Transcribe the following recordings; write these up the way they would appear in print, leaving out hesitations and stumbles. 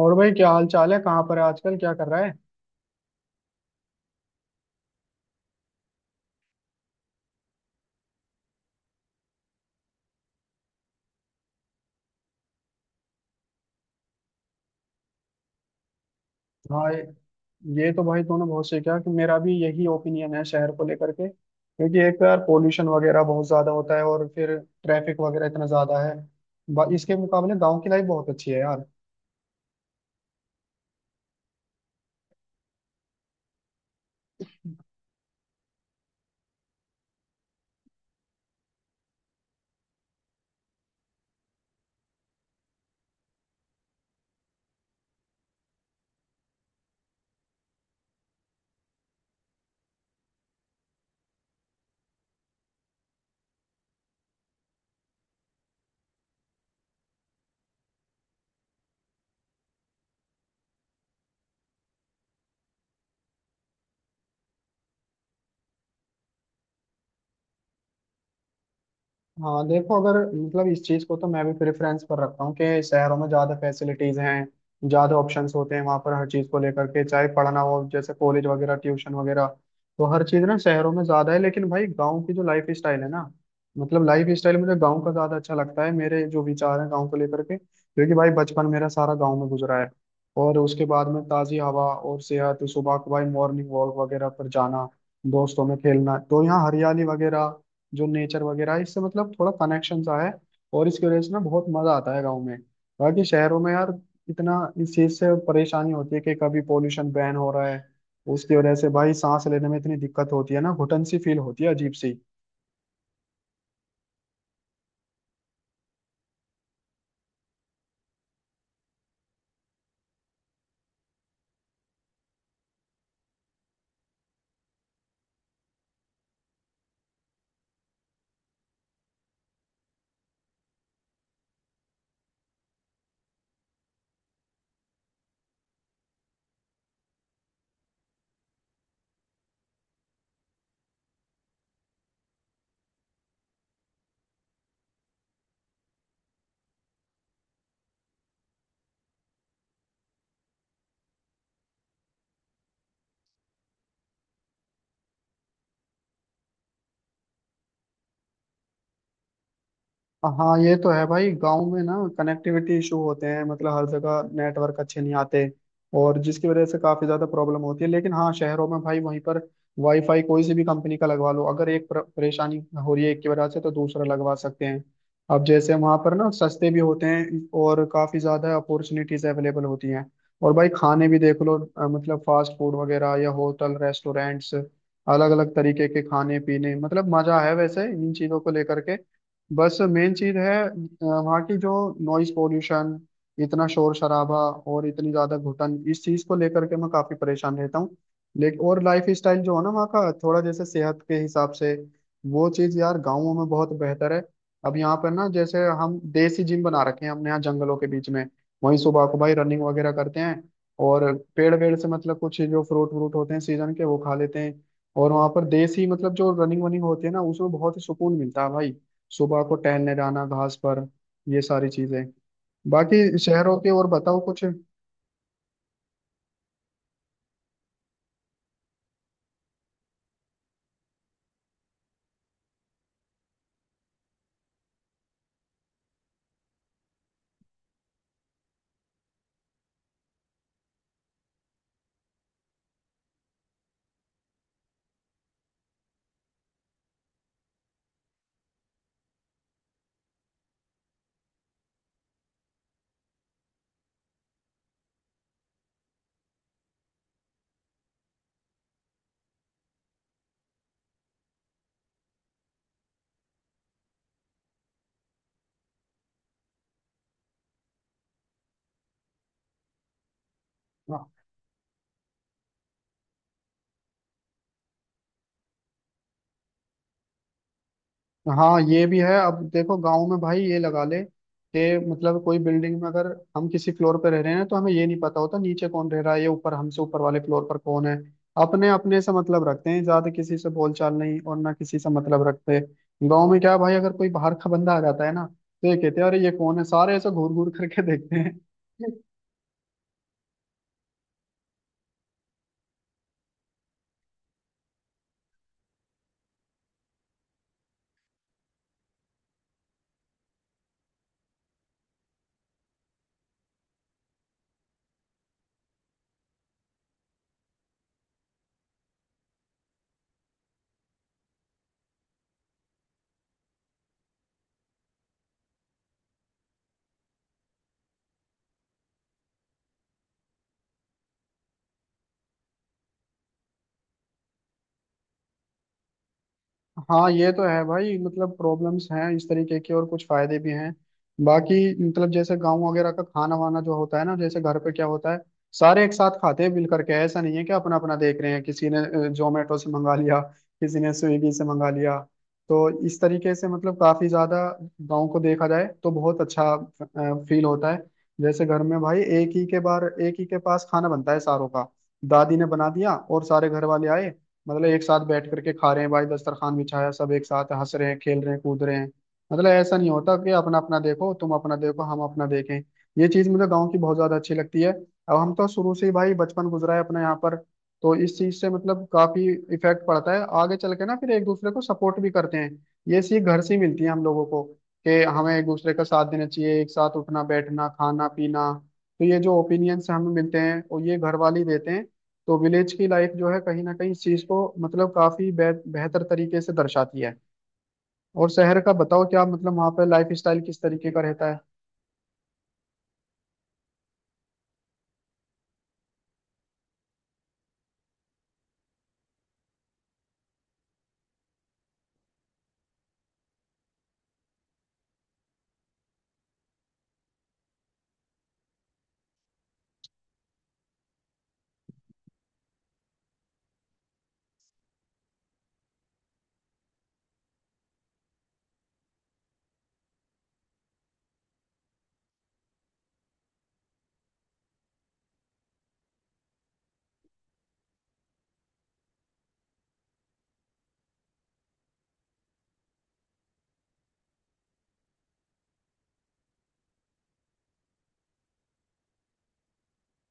और भाई क्या हाल चाल है। कहाँ पर है आजकल, क्या कर रहा है। हाँ, ये तो भाई तूने बहुत सीखा कि मेरा भी यही ओपिनियन है शहर को लेकर के, क्योंकि एक तो यार पोल्यूशन वगैरह बहुत ज्यादा होता है और फिर ट्रैफिक वगैरह इतना ज्यादा है। इसके मुकाबले गांव की लाइफ बहुत अच्छी है यार। हाँ देखो, अगर मतलब इस चीज को तो मैं भी प्रेफरेंस पर रखता हूँ कि शहरों में ज्यादा फैसिलिटीज हैं, ज्यादा ऑप्शंस होते हैं वहां पर हर चीज को लेकर के, चाहे पढ़ना हो जैसे कॉलेज वगैरह, ट्यूशन वगैरह। तो हर चीज ना शहरों में ज्यादा है, लेकिन भाई गाँव की जो लाइफ स्टाइल है ना, मतलब लाइफ स्टाइल मुझे गाँव का ज्यादा अच्छा लगता है। मेरे जो विचार है गाँव को लेकर के, क्योंकि भाई बचपन मेरा सारा गाँव में गुजरा है। और उसके बाद में ताजी हवा और सेहत, सुबह को भाई मॉर्निंग वॉक वगैरह पर जाना, दोस्तों में खेलना, तो यहाँ हरियाली वगैरह, जो नेचर वगैरह है, इससे मतलब थोड़ा कनेक्शन सा है। और इसकी वजह से ना बहुत मजा आता है गाँव में। बाकी शहरों में यार इतना इस चीज से परेशानी होती है कि कभी पोल्यूशन बैन हो रहा है, उसकी वजह से भाई सांस लेने में इतनी दिक्कत होती है ना, घुटन सी फील होती है अजीब सी। हाँ ये तो है भाई, गांव में ना कनेक्टिविटी इशू होते हैं, मतलब हर जगह नेटवर्क अच्छे नहीं आते, और जिसकी वजह से काफी ज्यादा प्रॉब्लम होती है। लेकिन हाँ शहरों में भाई वहीं पर वाईफाई कोई सी भी कंपनी का लगवा लो। अगर एक परेशानी हो रही है एक की वजह से, तो दूसरा लगवा सकते हैं। अब जैसे वहां पर ना सस्ते भी होते हैं और काफी ज्यादा अपॉर्चुनिटीज अवेलेबल होती हैं। और भाई खाने भी देख लो, मतलब फास्ट फूड वगैरह या होटल रेस्टोरेंट्स, अलग अलग तरीके के खाने पीने, मतलब मजा है वैसे इन चीजों को लेकर के। बस मेन चीज है वहाँ की जो नॉइज पोल्यूशन, इतना शोर शराबा और इतनी ज्यादा घुटन, इस चीज को लेकर के मैं काफी परेशान रहता हूँ। लेकिन और लाइफ स्टाइल जो है ना वहाँ का, थोड़ा जैसे सेहत के हिसाब से वो चीज यार गाँवों में बहुत बेहतर है। अब यहाँ पर ना जैसे हम देसी जिम बना रखे हैं, हमने यहाँ जंगलों के बीच में। वहीं सुबह को भाई रनिंग वगैरह करते हैं, और पेड़ वेड़ से मतलब कुछ जो फ्रूट व्रूट होते हैं सीजन के, वो खा लेते हैं। और वहाँ पर देसी मतलब जो रनिंग वनिंग होती है ना, उसमें बहुत ही सुकून मिलता है भाई। सुबह को टहलने जाना घास पर, ये सारी चीजें। बाकी शहरों के और बताओ कुछ। हाँ ये भी है। अब देखो गांव में भाई ये लगा ले कि मतलब कोई बिल्डिंग में अगर हम किसी फ्लोर पे रह रहे हैं, तो हमें ये नहीं पता होता नीचे कौन रह रहा है, ये ऊपर, हमसे ऊपर वाले फ्लोर पर कौन है। अपने अपने से मतलब रखते हैं, ज्यादा किसी से बोलचाल नहीं, और ना किसी से मतलब रखते। गांव में क्या है भाई, अगर कोई बाहर का बंदा आ जाता है ना, तो ये कहते हैं अरे ये कौन है, सारे ऐसे घूर घूर करके देखते हैं। हाँ ये तो है भाई, मतलब प्रॉब्लम्स हैं इस तरीके के, और कुछ फायदे भी हैं। बाकी मतलब जैसे गांव वगैरह का खाना वाना जो होता है ना, जैसे घर पे क्या होता है, सारे एक साथ खाते हैं मिल करके। ऐसा नहीं है कि अपना अपना देख रहे हैं, किसी ने जोमेटो से मंगा लिया, किसी ने स्विगी से मंगा लिया। तो इस तरीके से मतलब काफी ज्यादा गाँव को देखा जाए तो बहुत अच्छा फील होता है। जैसे घर में भाई एक ही के बार एक ही के पास खाना बनता है सारों का। दादी ने बना दिया और सारे घर वाले आए, मतलब एक साथ बैठ करके खा रहे हैं भाई, दस्तरखान बिछाया, सब एक साथ हंस रहे हैं, खेल रहे हैं, कूद रहे हैं। मतलब ऐसा नहीं होता कि अपना अपना देखो, तुम अपना देखो, हम अपना देखें। ये चीज मुझे गाँव की बहुत ज्यादा अच्छी लगती है। अब हम तो शुरू से ही भाई बचपन गुजरा है अपना यहाँ पर, तो इस चीज से मतलब काफी इफेक्ट पड़ता है आगे चल के ना। फिर एक दूसरे को सपोर्ट भी करते हैं, ये सीख घर से ही मिलती है हम लोगों को कि हमें एक दूसरे का साथ देना चाहिए, एक साथ उठना बैठना खाना पीना। तो ये जो ओपिनियंस हमें मिलते हैं, और ये घर वाले ही देते हैं। तो विलेज की लाइफ जो है, कहीं ना कहीं इस चीज को मतलब काफी बेहतर तरीके से दर्शाती है। और शहर का बताओ, क्या मतलब वहाँ पे लाइफ स्टाइल किस तरीके का रहता है।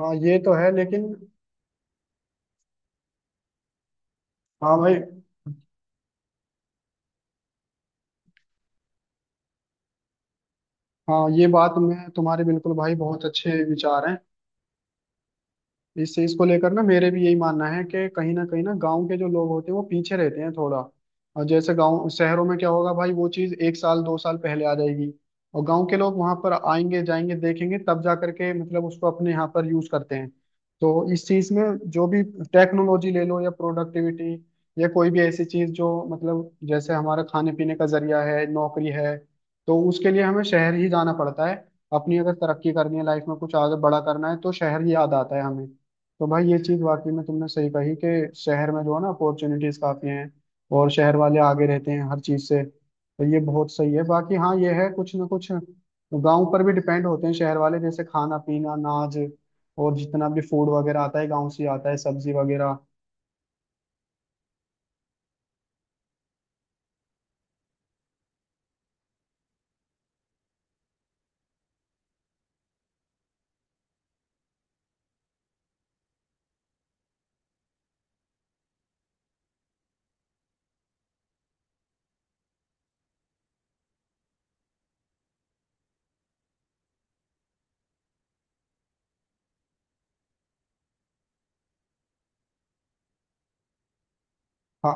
हाँ ये तो है लेकिन। हाँ भाई। हाँ, ये बात में तुम्हारे बिल्कुल भाई बहुत अच्छे विचार हैं। इस चीज को लेकर ना मेरे भी यही मानना है कि कहीं ना गांव के जो लोग होते हैं वो पीछे रहते हैं थोड़ा। और जैसे गांव, शहरों में क्या होगा भाई वो चीज एक साल दो साल पहले आ जाएगी, और गांव के लोग वहां पर आएंगे जाएंगे देखेंगे, तब जा करके मतलब उसको अपने यहाँ पर यूज करते हैं। तो इस चीज में जो भी टेक्नोलॉजी ले लो या प्रोडक्टिविटी, या कोई भी ऐसी चीज जो मतलब जैसे हमारा खाने पीने का जरिया है, नौकरी है, तो उसके लिए हमें शहर ही जाना पड़ता है। अपनी अगर तरक्की करनी है, लाइफ में कुछ आगे बड़ा करना है, तो शहर ही याद आता है हमें। तो भाई ये चीज वाकई में तुमने सही कही कि शहर में जो है ना अपॉर्चुनिटीज काफी हैं, और शहर वाले आगे रहते हैं हर चीज से, तो ये बहुत सही है। बाकी हाँ ये है, कुछ ना कुछ गांव पर भी डिपेंड होते हैं शहर वाले, जैसे खाना पीना अनाज और जितना भी फूड वगैरह आता है, गांव से ही आता है, सब्जी वगैरह। हाँ।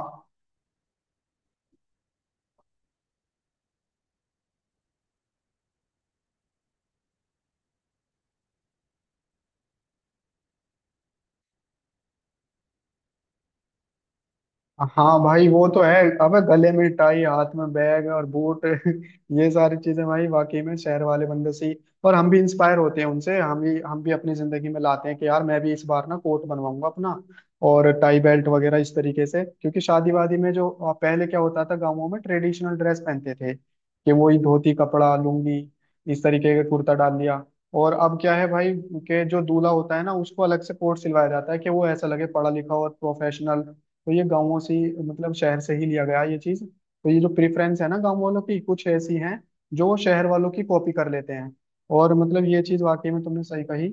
हाँ भाई वो तो है। अबे गले में टाई, हाथ में बैग और बूट, ये सारी चीजें भाई वाकई में शहर वाले बंदे से ही। और हम भी इंस्पायर होते हैं उनसे, हम भी अपनी जिंदगी में लाते हैं कि यार मैं भी इस बार ना कोट बनवाऊंगा अपना, और टाई बेल्ट वगैरह इस तरीके से। क्योंकि शादी वादी में जो पहले क्या होता था, गाँवों में ट्रेडिशनल ड्रेस पहनते थे कि वही धोती कपड़ा लुंगी, इस तरीके का कुर्ता डाल लिया। और अब क्या है भाई कि जो दूल्हा होता है ना उसको अलग से कोट सिलवाया जाता है कि वो ऐसा लगे पढ़ा लिखा और प्रोफेशनल। तो ये गाँवों से ही, मतलब शहर से ही लिया गया है ये चीज। तो ये जो प्रेफरेंस है ना गाँव वालों की, कुछ ऐसी हैं जो वो शहर वालों की कॉपी कर लेते हैं। और मतलब ये चीज वाकई में तुमने सही कही।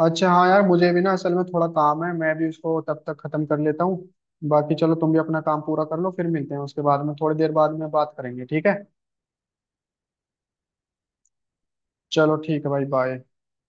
अच्छा हाँ यार, मुझे भी ना असल में थोड़ा काम है, मैं भी उसको तब तक खत्म कर लेता हूँ। बाकी चलो, तुम भी अपना काम पूरा कर लो, फिर मिलते हैं उसके बाद में, थोड़ी देर बाद में बात करेंगे, ठीक है। चलो ठीक है भाई, बाय।